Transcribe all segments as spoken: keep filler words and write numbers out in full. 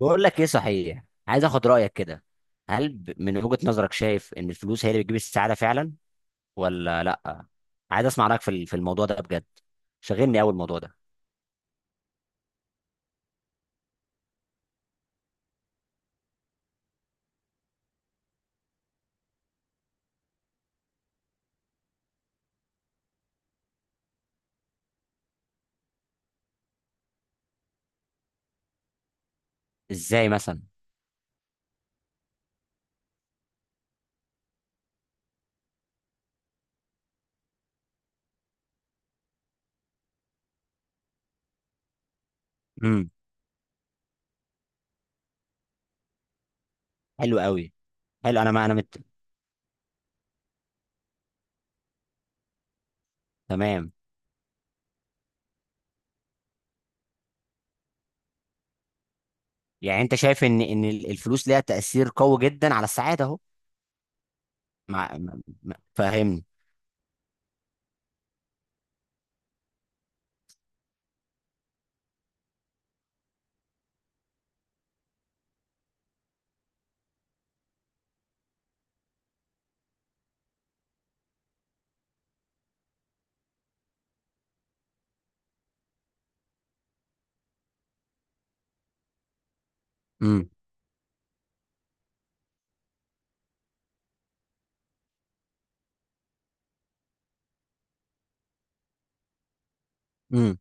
بقول لك ايه، صحيح عايز اخد رايك كده. هل ب- من وجهة نظرك شايف ان الفلوس هي اللي بتجيب السعاده فعلا ولا لا؟ عايز اسمع رايك في ال- في الموضوع ده بجد، شاغلني قوي الموضوع ده. ازاي مثلا؟ امم. حلو قوي. حلو، انا ما انا مت... تمام. يعني انت شايف ان ان ال- الفلوس ليها تاثير قوي جدا على السعاده اهو. مع... م- م- فاهمني. امم. امم.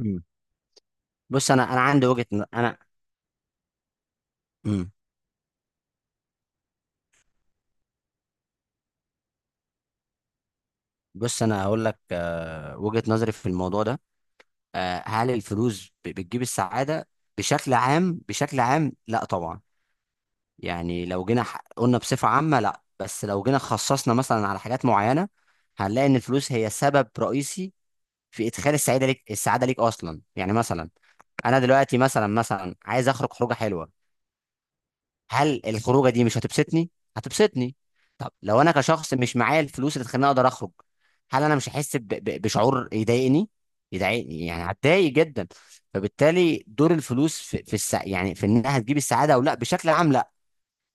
امم. بص، انا انا عندي وجهة ن- انا. امم. بص، انا هقول لك آه، وجهة نظري في الموضوع ده. آه، هل الفلوس ب- بتجيب السعادة بشكل عام؟ بشكل عام لا طبعا. يعني لو جينا ح- قلنا بصفة عامة لا، بس لو جينا خصصنا مثلا على حاجات معينة هنلاقي ان الفلوس هي سبب رئيسي في ادخال السعادة ليك، السعادة ليك اصلا. يعني مثلا انا دلوقتي مثلا مثلا عايز اخرج خروجة حلوة، هل الخروجه دي مش هتبسطني؟ هتبسطني. طب لو انا كشخص مش معايا الفلوس اللي تخليني اقدر اخرج، هل انا مش هحس ب- ب- بشعور يضايقني؟ يضايقني، يعني هتضايق جدا. فبالتالي دور الفلوس في, في السع... يعني في انها هتجيب السعاده او لا بشكل عام لا.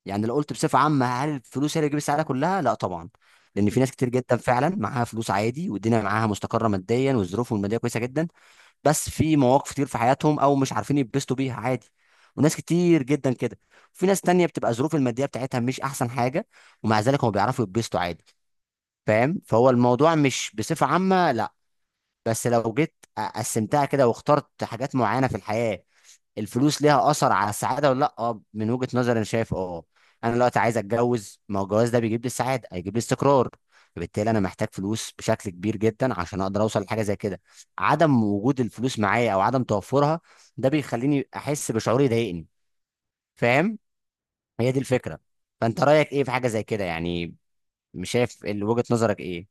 يعني لو قلت بصفه عامه هل الفلوس هي اللي تجيب السعاده كلها؟ لا طبعا. لان في ناس كتير جدا فعلا معاها فلوس عادي والدنيا معاها مستقره ماديا والظروف الماديه كويسه جدا، بس في مواقف كتير في حياتهم او مش عارفين يتبسطوا بيها عادي، وناس كتير جدا كده. وفي ناس تانية بتبقى ظروف المادية بتاعتها مش احسن حاجة ومع ذلك هم بيعرفوا يتبسطوا عادي، فاهم؟ فهو الموضوع مش بصفة عامة لا، بس لو جيت قسمتها كده واخترت حاجات معينة في الحياة الفلوس ليها اثر على السعاده ولا لا، اه، من وجهه نظري انا شايف، اه، انا دلوقتي عايز اتجوز، ما هو الجواز ده بيجيب لي السعاده، هيجيب لي استقرار. فبالتالي انا محتاج فلوس بشكل كبير جدا عشان اقدر اوصل لحاجه زي كده. عدم وجود الفلوس معايا او عدم توفرها ده بيخليني احس بشعور يضايقني، فاهم؟ هي دي الفكره. فانت رايك ايه في حاجه زي كده يعني؟ مش شايف ال- وجهه نظرك ايه؟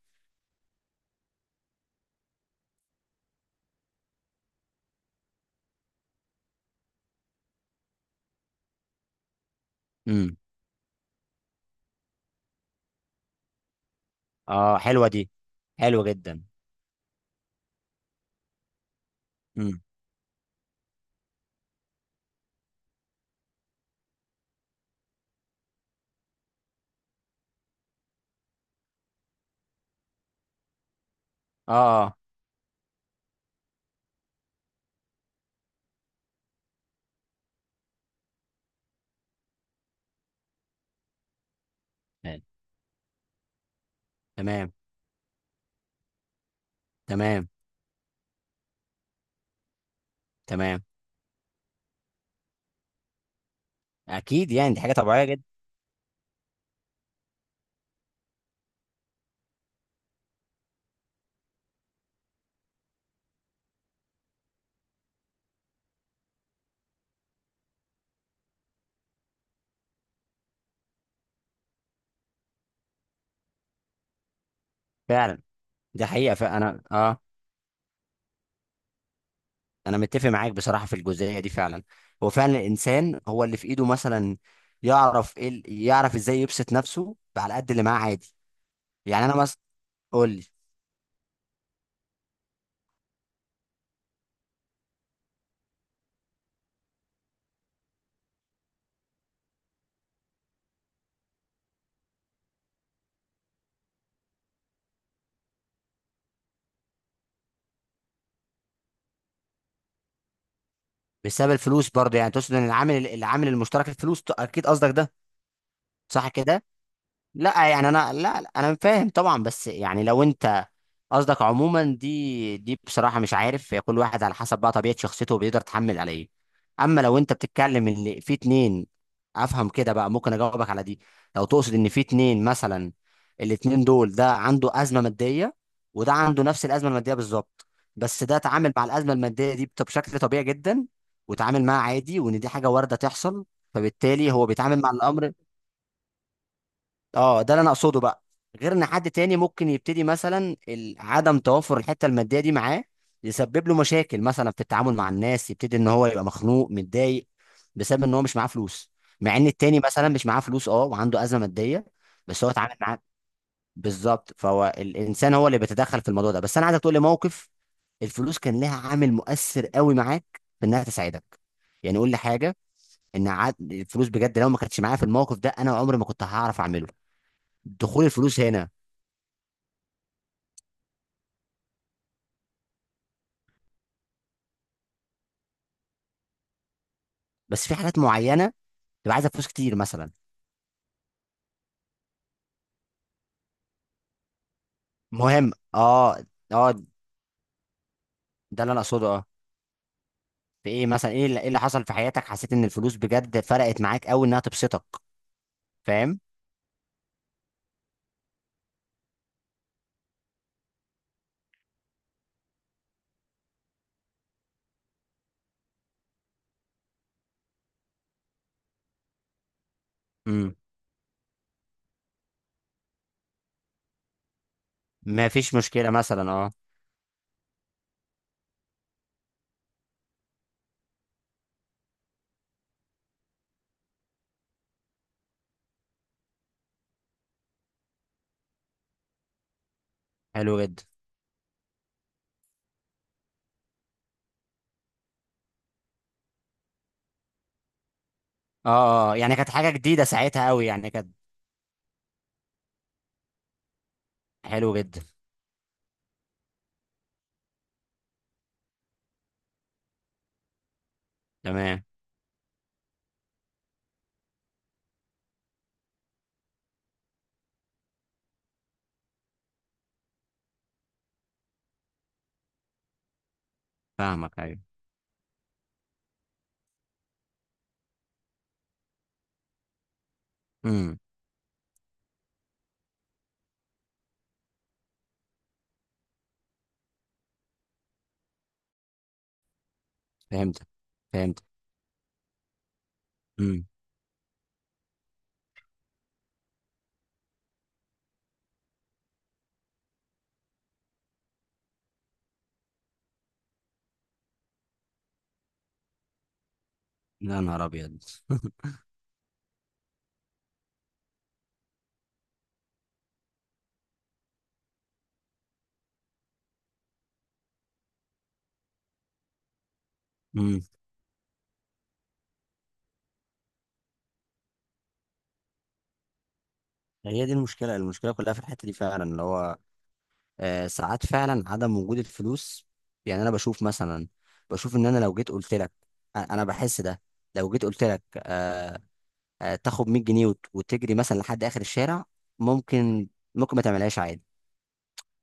امم. اه، حلوه دي. حلوه جدا. امم. اه. اه. حلو. تمام. تمام. تمام. اكيد، يعني دي حاجه طبيعيه جدا. فعلا. ده حقيقة، فأنا اه أنا متفق معاك بصراحة في الجزئية دي فعلا. هو فعلا الإنسان هو اللي في إيده مثلا، يعرف إيه ال- يعرف إزاي يبسط نفسه على قد اللي معاه عادي. يعني أنا مثلا. قول لي. بسبب الفلوس برضه، يعني تقصد إن العامل العامل المشترك الفلوس، ت- أكيد قصدك ده؟ صح كده؟ لا يعني انا، لا، لا، انا فاهم طبعا بس يعني لو انت قصدك عموما، دي دي بصراحه مش عارف، هي كل واحد على حسب بقى طبيعه شخصيته بيقدر يتحمل عليه. اما لو انت بتتكلم ان في اتنين، افهم كده بقى ممكن اجاوبك على دي. لو تقصد ان في اتنين مثلا، الاتنين دول ده عنده ازمه ماديه وده عنده نفس الازمه الماديه بالظبط، بس ده اتعامل مع الازمه الماديه دي بط- بشكل طبيعي جدا وتعامل معاها عادي، وان دي حاجه وارده تحصل، فبالتالي هو بيتعامل مع الامر. اه، ده اللي انا اقصده بقى. غير ان حد تاني ممكن يبتدي مثلا ال- عدم توافر الحته الماديه دي معاه يسبب له مشاكل مثلا في التعامل مع الناس، يبتدي ان هو يبقى مخنوق متضايق بسبب ان هو مش معاه فلوس، مع ان التاني مثلا مش معاه فلوس اه وعنده ازمه ماديه بس هو اتعامل معاه. بالظبط، فهو الانسان هو اللي بيتدخل في الموضوع ده، بس انا عايزك تقول لي موقف الفلوس كان لها عامل مؤثر قوي معاك في انها تساعدك. يعني قول لي حاجه ان عاد الفلوس بجد لو ما كانتش معايا في الموقف ده انا عمري ما كنت هعرف اعمله. دخول الفلوس هنا. بس في حاجات معينه تبقى عايزه فلوس كتير مثلا مهم، اه. اه، ده اللي انا اقصده، اه. في ايه مثلا، ايه اللي, إيه اللي حصل في حياتك حسيت ان الفلوس بجد فرقت معاك قوي انها تبسطك؟ فاهم؟ امم. ما فيش مشكله مثلا، اه. حلو جدا. اه. اه. آه. يعني كانت حاجه جديده ساعتها قوي، يعني كانت. حلو جدا. تمام. فاهمك، ايوه. امم. فهمت. فهمت. امم. يا نهار ابيض. امم. هي دي المشكله المشكله كلها في الحته دي فعلا اللي هو، آه، ساعات فعلا عدم وجود الفلوس، يعني انا بشوف مثلا، بشوف ان انا لو جيت قلت لك، انا أنا بحس ده، لو جيت قلت لك آه، آه، تاخد مية جنيه وت- وتجري مثلا لحد اخر الشارع، ممكن ممكن ما تعملهاش عادي،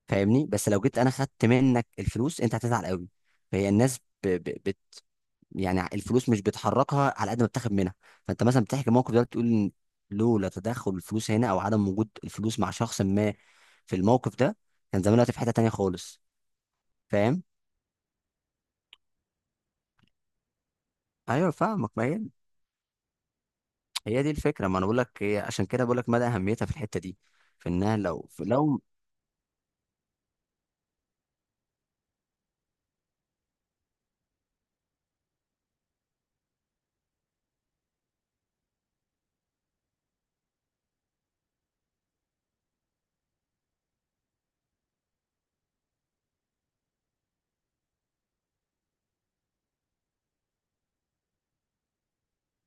فاهمني؟ بس لو جيت انا خدت منك الفلوس انت هتزعل قوي. فهي الناس ب... ب... بت... يعني الفلوس مش بتحركها على قد ما بتاخد منها. فانت مثلا بتحكي موقف ده، بتقول إن لولا تدخل الفلوس هنا او عدم وجود الفلوس مع شخص ما في الموقف ده كان زمان دلوقتي في حته تانيه خالص، فاهم؟ ايوه، فاهمك، ما هي هي دي الفكره، ما انا بقول لك، هي- عشان كده بقول لك مدى اهميتها في الحته دي، في انها لو في لو،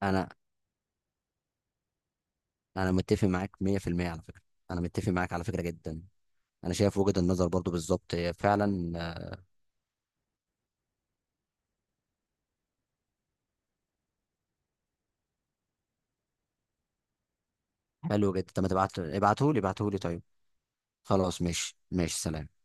انا انا متفق معاك مية في المية على فكره. انا متفق معاك على فكره جدا. انا شايف وجهه النظر برضو بالظبط هي فعلا، آه، حلو جدا. طب ما تبعت، ابعته لي ابعته لي طيب. خلاص، ماشي ماشي، سلام.